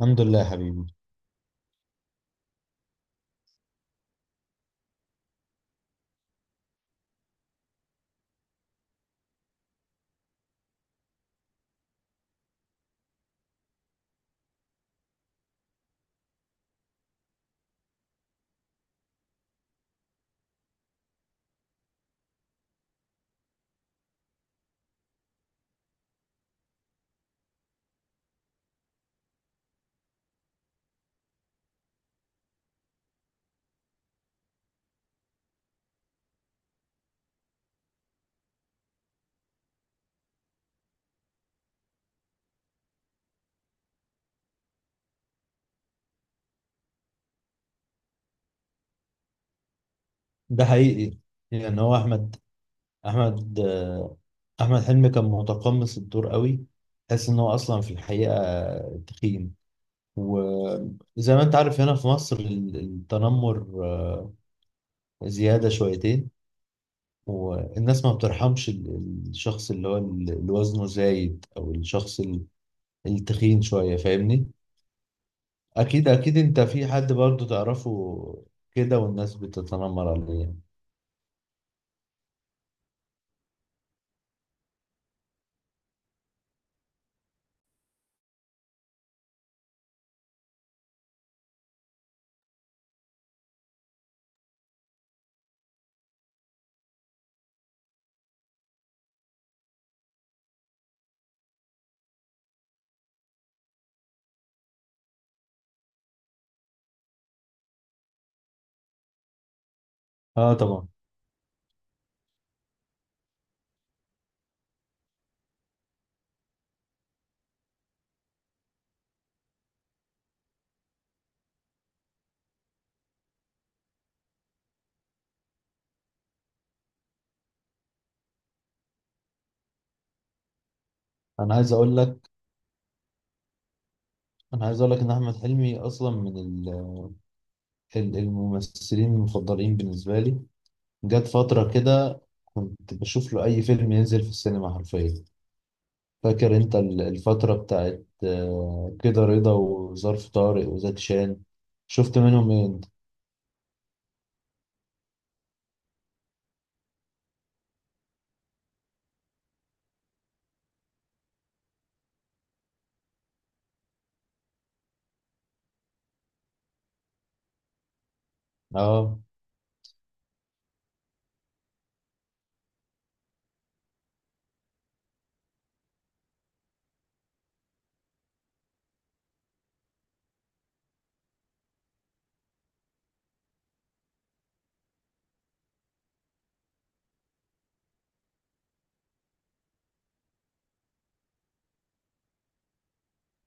الحمد لله يا حبيبي. ده حقيقي يعني. هو احمد آه، احمد حلمي كان متقمص الدور قوي. تحس ان هو اصلا في الحقيقه تخين. وزي ما انت عارف، هنا في مصر التنمر زياده شويتين، والناس ما بترحمش الشخص اللي هو اللي وزنه زايد، او الشخص التخين شويه، فاهمني؟ اكيد اكيد، انت في حد برضو تعرفه كده، والناس بتتنمر عليه. اه طبعا. انا عايز اقول لك انا عايز اقول لك ان احمد حلمي اصلا من الممثلين المفضلين بالنسبه لي. جت فتره كده، كنت بشوف له اي فيلم ينزل في السينما حرفيا. فاكر انت الفتره بتاعت كده رضا، وظرف طارق، وزكي شان؟ شفت منهم ايه انت؟ اه،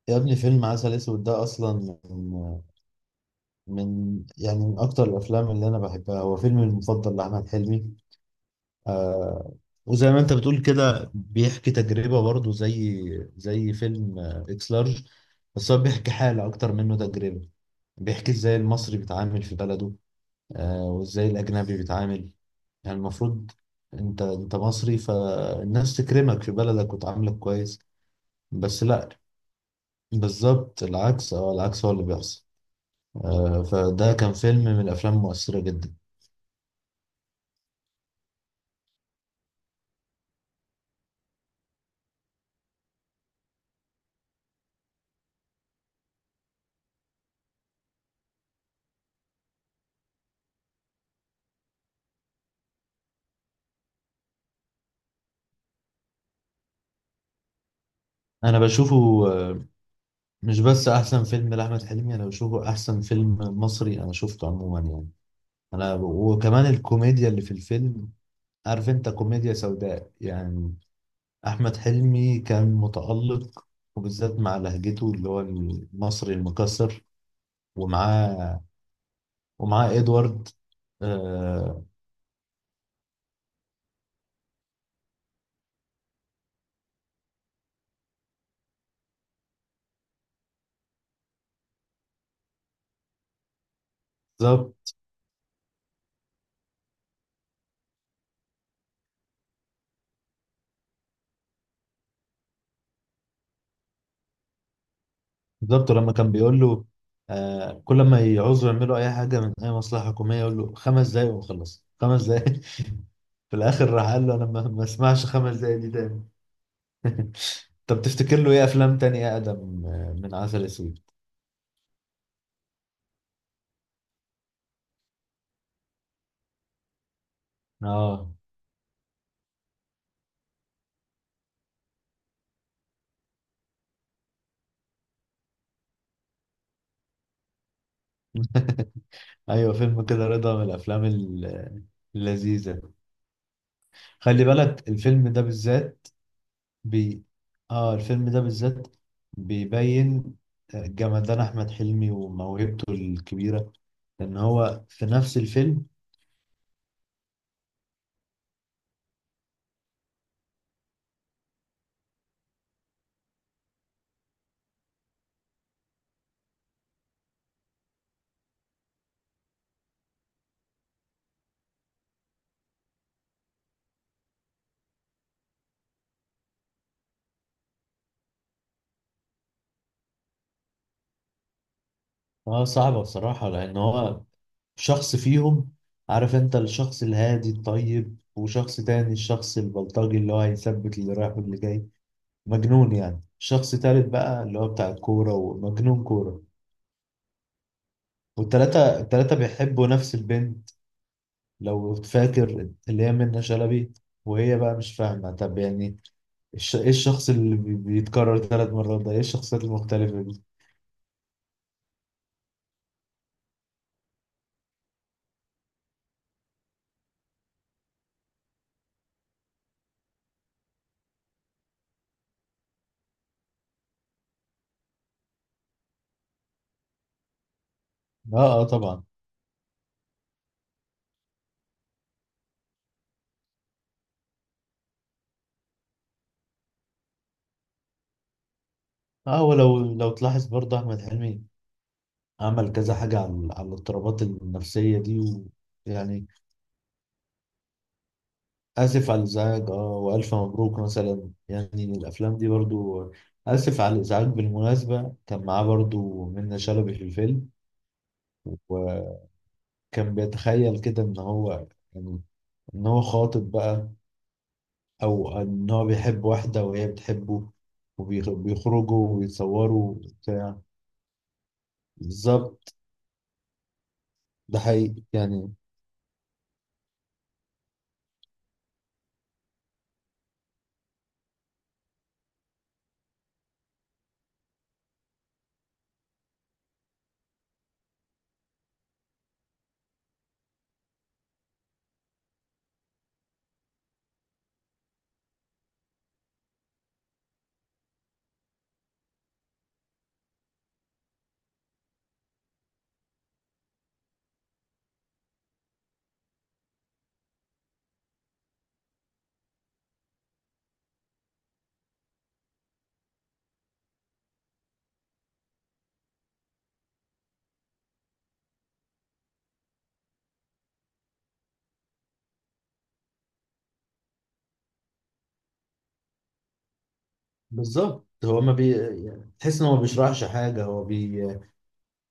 يا ابني فيلم عسل اسود ده اصلا يعني من اكتر الافلام اللي انا بحبها. هو فيلمي المفضل لاحمد حلمي. آه وزي ما انت بتقول كده، بيحكي تجربة برضه، زي فيلم اكس لارج. بس هو بيحكي حالة اكتر منه تجربة. بيحكي ازاي المصري بيتعامل في بلده، وازاي الاجنبي بيتعامل. يعني المفروض انت مصري، فالناس تكرمك في بلدك وتعاملك كويس. بس لا، بالظبط العكس. اه العكس هو اللي بيحصل. فده كان فيلم من الافلام المؤثرة جدا. انا بشوفه آه، مش بس احسن فيلم لاحمد حلمي، انا بشوفه احسن فيلم مصري انا شفته عموما يعني. انا، وكمان الكوميديا اللي في الفيلم، عارف انت، كوميديا سوداء يعني. احمد حلمي كان متالق، وبالذات مع لهجته اللي هو المصري المكسر. ومعاه ومعاه ادوارد. آه، بالظبط، بالظبط، لما كان بيقول له كل ما يعوزوا يعملوا اي حاجه من اي مصلحه حكوميه، يقول له 5 دقايق وخلص، 5 دقايق. في الاخر راح قال له: انا ما اسمعش 5 دقايق دي تاني. طب تفتكر له ايه افلام تانية اقدم من عسل اسود؟ اه ايوه، فيلم كده رضا من الافلام اللذيذة. خلي بالك، بي اه الفيلم ده بالذات بيبين جمدان احمد حلمي وموهبته الكبيرة، ان هو في نفس الفيلم. اه صعبة بصراحة، لان هو شخص فيهم. عارف انت، الشخص الهادي الطيب، وشخص تاني الشخص البلطجي اللي هو هيثبت اللي رايح واللي جاي، مجنون يعني. شخص تالت بقى اللي هو بتاع الكورة ومجنون كورة. والتلاتة بيحبوا نفس البنت، لو فاكر، اللي هي منة شلبي. وهي بقى مش فاهمة، طب يعني ايه الشخص اللي بيتكرر 3 مرات ده؟ ايه الشخصيات المختلفة دي؟ اه، اه، طبعا. اه، ولو تلاحظ برضه، احمد حلمي عمل كذا حاجة على الاضطرابات النفسية دي، ويعني... آسف على الإزعاج، وألف مبروك مثلا، يعني الأفلام دي برضو. آسف على الإزعاج بالمناسبة كان معاه برضو منة شلبي في الفيلم. وكان بيتخيل كده إن هو يعني إن هو خاطب بقى، أو إن هو بيحب واحدة وهي بتحبه، وبيخرجوا ويتصوروا وبتاع. بالظبط. ده حقيقي يعني. بالظبط، هو ما بي يعني تحس إن هو ما بيشرحش حاجة. هو بي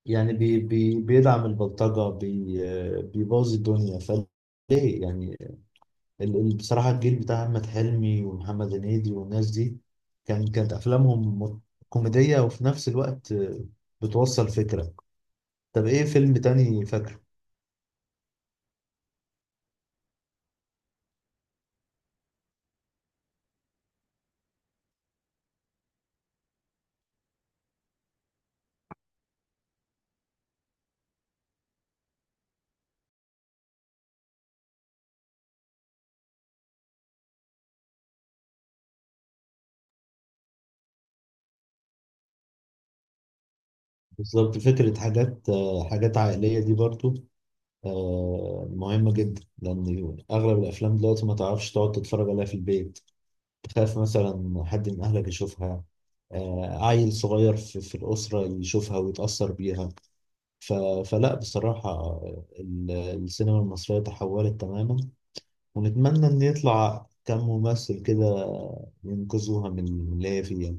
يعني بي بي بيدعم البلطجة. بيبوظ الدنيا، فليه يعني؟ بصراحة الجيل بتاع أحمد حلمي ومحمد هنيدي والناس دي، كانت أفلامهم كوميدية، وفي نفس الوقت بتوصل فكرة. طب إيه فيلم تاني فاكره؟ بالظبط، فكرة. حاجات عائلية دي برضو مهمة جدا، لأن أغلب الأفلام دلوقتي ما تعرفش تقعد تتفرج عليها في البيت. تخاف مثلا حد من أهلك يشوفها، عيل صغير في الأسرة يشوفها ويتأثر بيها. ف... فلا بصراحة، السينما المصرية تحولت تماما. ونتمنى إن يطلع كم ممثل كده ينقذوها من اللي هي فيها.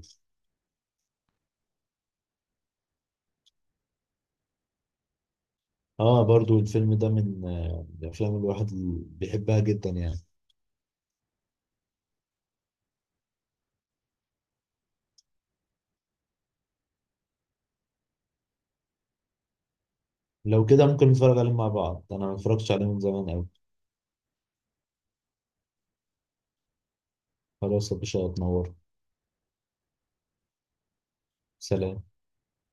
اه، برضو الفيلم ده من الأفلام اللي الواحد بيحبها جدا يعني. لو كده ممكن نتفرج عليه مع بعض، أنا ما اتفرجتش عليه من زمان أوي. خلاص يا باشا، اتنور. سلام.